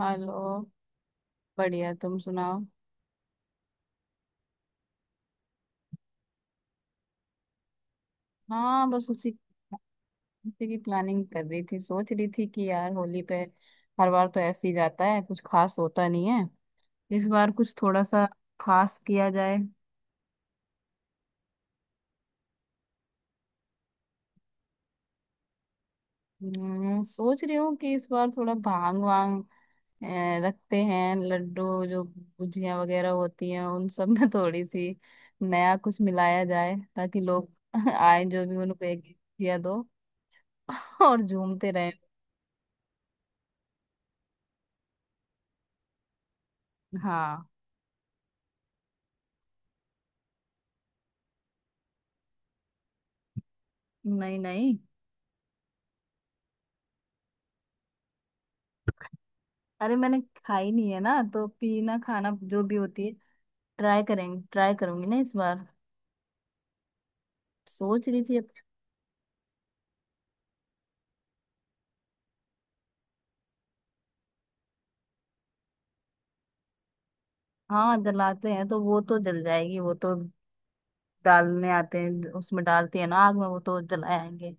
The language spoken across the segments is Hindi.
हेलो। बढ़िया तुम सुनाओ। हाँ, बस उसी उसी की प्लानिंग कर रही थी। सोच रही थी कि यार होली पे हर बार तो ऐसे ही जाता है, कुछ खास होता नहीं है। इस बार कुछ थोड़ा सा खास किया जाए। सोच रही हूँ कि इस बार थोड़ा भांग वांग अ, रखते हैं। लड्डू जो गुजिया वगैरह होती हैं उन सब में थोड़ी सी नया कुछ मिलाया जाए, ताकि लोग आए जो भी उनको एक एक गुजिया दो। और झूमते रहे। हाँ। नहीं नहीं। अरे, मैंने खाई नहीं है ना, तो पीना खाना जो भी होती है ट्राई करेंगे, ट्राई करूंगी ना इस बार। सोच रही थी हाँ जलाते हैं तो वो तो जल जाएगी। वो तो डालने आते हैं, उसमें डालते हैं ना आग में, वो तो जलाएंगे।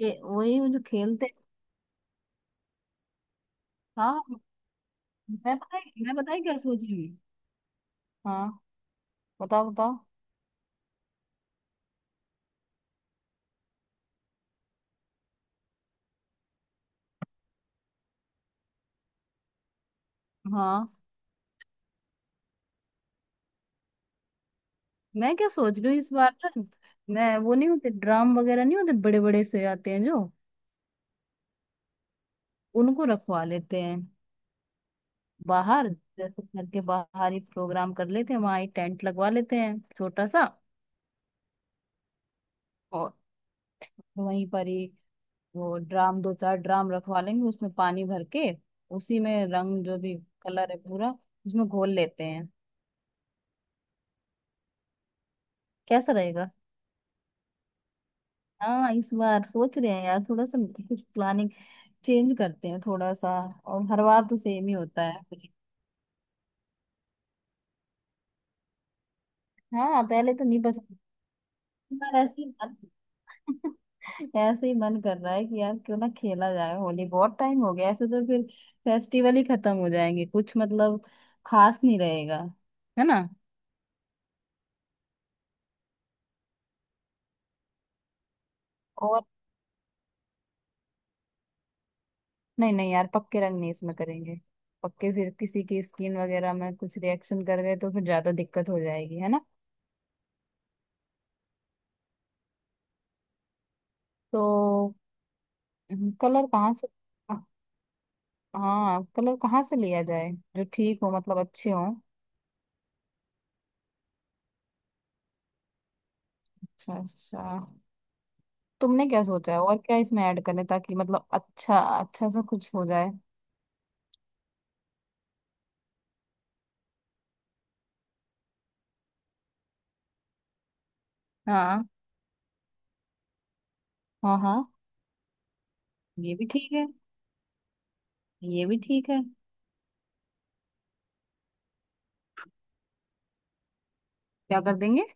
ये वही जो खेलते हैं। हाँ, मैं पता है क्या सोच रही हूँ। हाँ, बताओ बताओ। हाँ, मैं क्या सोच रही हूँ इस बार ना। मैं वो नहीं होते ड्राम वगैरह नहीं होते, बड़े बड़े से आते हैं जो, उनको रखवा लेते हैं बाहर। जैसे घर के बाहर ही प्रोग्राम कर लेते हैं, वहां ही टेंट लगवा लेते हैं छोटा सा, और वहीं पर ही वो ड्राम, दो चार ड्राम रखवा लेंगे, उसमें पानी भर के उसी में रंग जो भी कलर है पूरा उसमें घोल लेते हैं। कैसा रहेगा? हाँ, इस बार सोच रहे हैं यार थोड़ा सा कुछ प्लानिंग चेंज करते हैं थोड़ा सा। और हर बार तो सेम ही होता है। हाँ, पहले तो नहीं पसंद। इस बार ऐसी ऐसे ही मन कर रहा है कि यार क्यों ना खेला जाए होली, बहुत टाइम हो गया। ऐसे तो फिर फेस्टिवल ही खत्म हो जाएंगे, कुछ मतलब खास नहीं रहेगा, है ना। और नहीं नहीं यार, पक्के रंग नहीं इसमें करेंगे। पक्के फिर किसी की स्किन वगैरह में कुछ रिएक्शन कर गए तो फिर ज्यादा दिक्कत हो जाएगी, है ना। तो कलर कहाँ से, हाँ कलर कहाँ से लिया जाए जो ठीक हो मतलब अच्छे हो। अच्छा अच्छा। तुमने क्या सोचा है, और क्या इसमें ऐड करें ताकि मतलब अच्छा अच्छा सा कुछ हो जाए। हाँ। हाँ हाँ, ये भी ठीक है। ये भी ठीक है। क्या कर देंगे?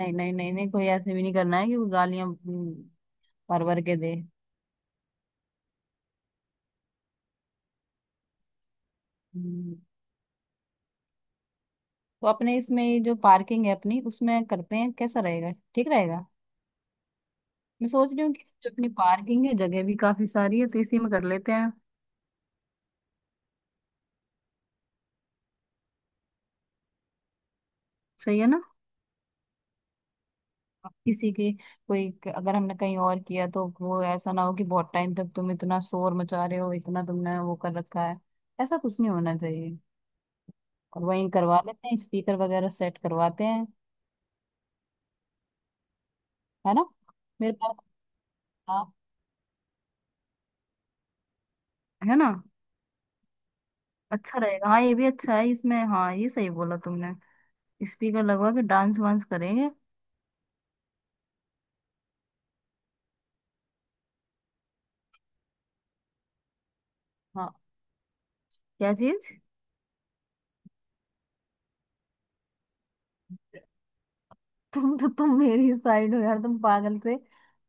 नहीं नहीं नहीं नहीं, कोई ऐसे भी नहीं करना है कि वो गालियां भर भर के दे। हम्म, तो अपने इसमें ये जो पार्किंग है अपनी, उसमें करते हैं, कैसा रहेगा, ठीक रहेगा। मैं सोच रही हूँ कि जो अपनी पार्किंग है जगह भी काफी सारी है, तो इसी में कर लेते हैं। सही है ना। अब किसी की कोई अगर हमने कहीं और किया तो वो ऐसा ना हो कि बहुत टाइम तक तुम इतना शोर मचा रहे हो, इतना तुमने वो कर रखा है, ऐसा कुछ नहीं होना चाहिए। और वहीं करवा लेते हैं, स्पीकर वगैरह सेट करवाते हैं, है ना। मेरे पास, हाँ, है ना। अच्छा रहेगा। हाँ, ये भी अच्छा है इसमें, हाँ ये सही बोला तुमने। स्पीकर लगवा के डांस वांस करेंगे। हाँ। क्या चीज? तुम तो, तुम मेरी साइड हो यार, तुम पागल से।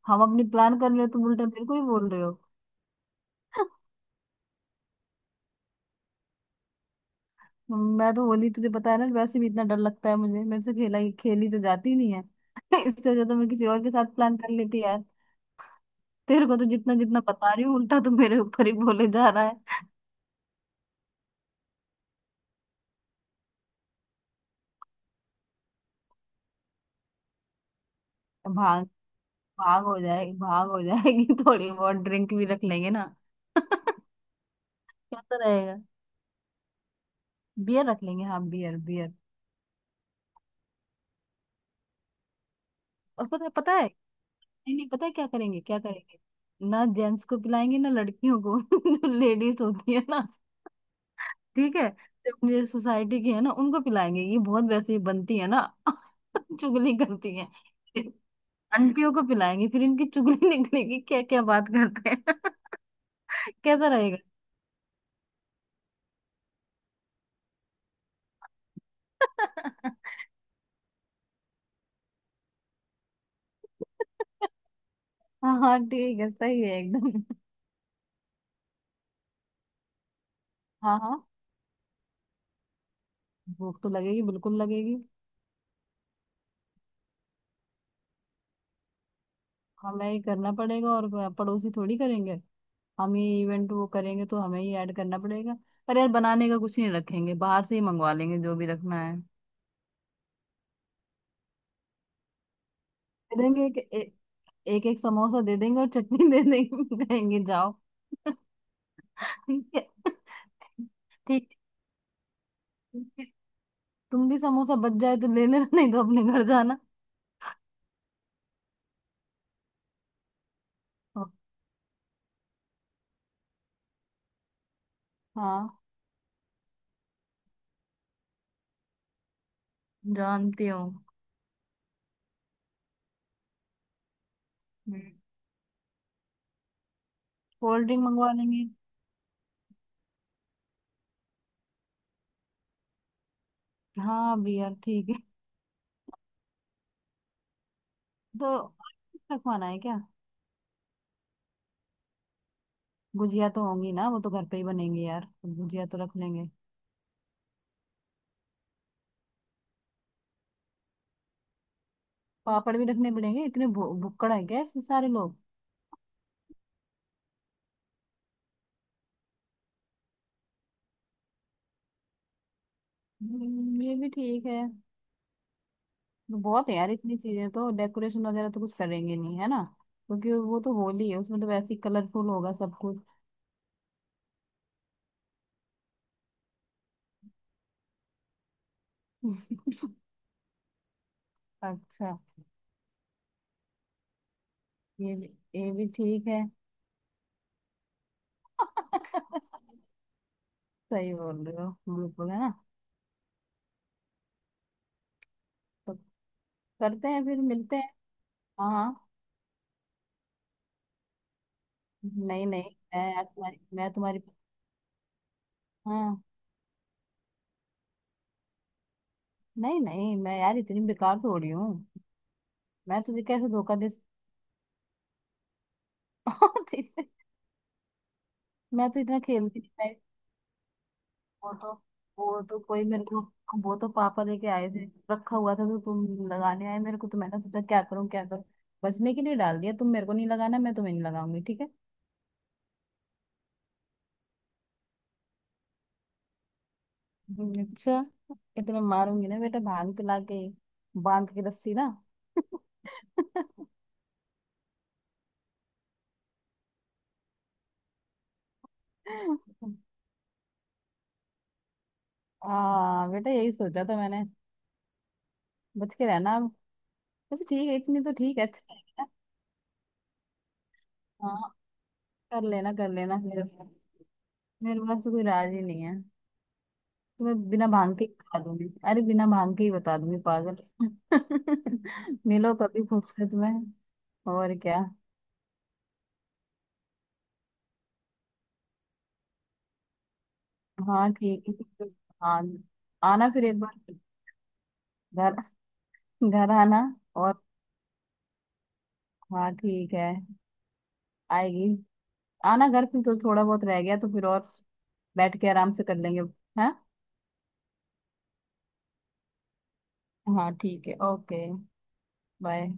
हम अपनी प्लान कर रहे हो, तुम उल्टा मेरे को ही बोल रहे हो। मैं तो होली तुझे पता है ना वैसे भी इतना डर लगता है मुझे, मेरे से खेला ही खेली तो जाती ही नहीं है। इससे वजह तो मैं किसी और के साथ प्लान कर लेती यार। तेरे को तो जितना जितना बता रही हूँ, उल्टा तो मेरे ऊपर ही बोले जा रहा। भांग। भांग हो जाएगी, भांग हो जाएगी। थोड़ी बहुत ड्रिंक भी रख लेंगे ना। क्या तो रहेगा। बियर रख लेंगे, हाँ बियर बियर। और पता पता है, नहीं नहीं पता है क्या करेंगे, क्या करेंगे। ना जेंट्स को पिलाएंगे, ना लड़कियों को जो लेडीज होती है ना, ठीक है, जो अपनी सोसाइटी की है ना उनको पिलाएंगे, ये बहुत वैसे ही बनती है ना। चुगली करती है। आंटियों को पिलाएंगे, फिर इनकी चुगली निकलेगी क्या क्या बात करते हैं। कैसा रहेगा। हाँ हाँ ठीक है, सही है एकदम। हाँ हाँ। भूख तो लगेगी, बिल्कुल लगेगी। हमें ही करना पड़ेगा, और पड़ोसी थोड़ी करेंगे। हम ही इवेंट वो करेंगे तो हमें ही ऐड करना पड़ेगा। पर यार बनाने का कुछ नहीं रखेंगे, बाहर से ही मंगवा लेंगे जो भी रखना है। दे देंगे एक एक एक समोसा दे देंगे और चटनी दे देंगे, कहेंगे जाओ। ठीक है ठीक है ठीक है। तुम भी समोसा बच जाए तो ले लेना, नहीं तो अपने घर जाना। हाँ, जानती हूँ। कोल्ड ड्रिंक मंगवा लेंगे। हाँ, बियर ठीक। तो रखवाना है क्या। गुजिया तो होंगी ना, वो तो घर पे ही बनेंगे यार, गुजिया तो रख लेंगे। पापड़ भी रखने पड़ेंगे, इतने भुक्कड़ है क्या इसमें सारे लोग। ये भी ठीक है। बहुत है यार इतनी चीजें तो, डेकोरेशन वगैरह तो कुछ करेंगे नहीं है ना। क्योंकि वो तो होली है उसमें तो वैसे ही कलरफुल होगा सब कुछ। अच्छा। ये भी ये भी ठीक है। सही बोल रहे हो बिल्कुल, है ना। तो करते हैं, फिर मिलते हैं। हाँ हाँ। नहीं नहीं, मैं तुम्हारी। हाँ। नहीं नहीं मैं यार इतनी बेकार थोड़ी हूँ, मैं तुझे कैसे धोखा दे सकती हूँ? मैं तो इतना खेलती थी मैं। वो तो वो तो कोई मेरे को वो तो पापा लेके आए थे, रखा हुआ था। तो तुम लगाने आए मेरे को तो मैंने सोचा क्या करूँ क्या करूँ, बचने के लिए डाल दिया। तुम मेरे को नहीं लगाना, मैं तुम्हें नहीं लगाऊंगी, ठीक है। अच्छा। इतना मारूंगी ना बेटा भांग पिला के, बांध के रस्सी ना। हाँ बेटा, यही सोचा था मैंने। बच के रहना अब। अच्छा ठीक है, इतनी तो ठीक है। अच्छा है। कर लेना मेरे, मेरे पास तो कोई राज ही नहीं है, तो मैं बिना भांग के ही बता दूंगी, अरे बिना भांग के ही बता दूंगी पागल। मिलो कभी खुद से, तुम्हें। और क्या। हाँ ठीक है ठीक है। आ, आना फिर एक बार, घर घर आना। और हाँ ठीक है। आएगी। आना घर फिर, तो थोड़ा बहुत रह गया तो फिर, और बैठ के आराम से कर लेंगे। हैं। हाँ ठीक है। Okay, bye.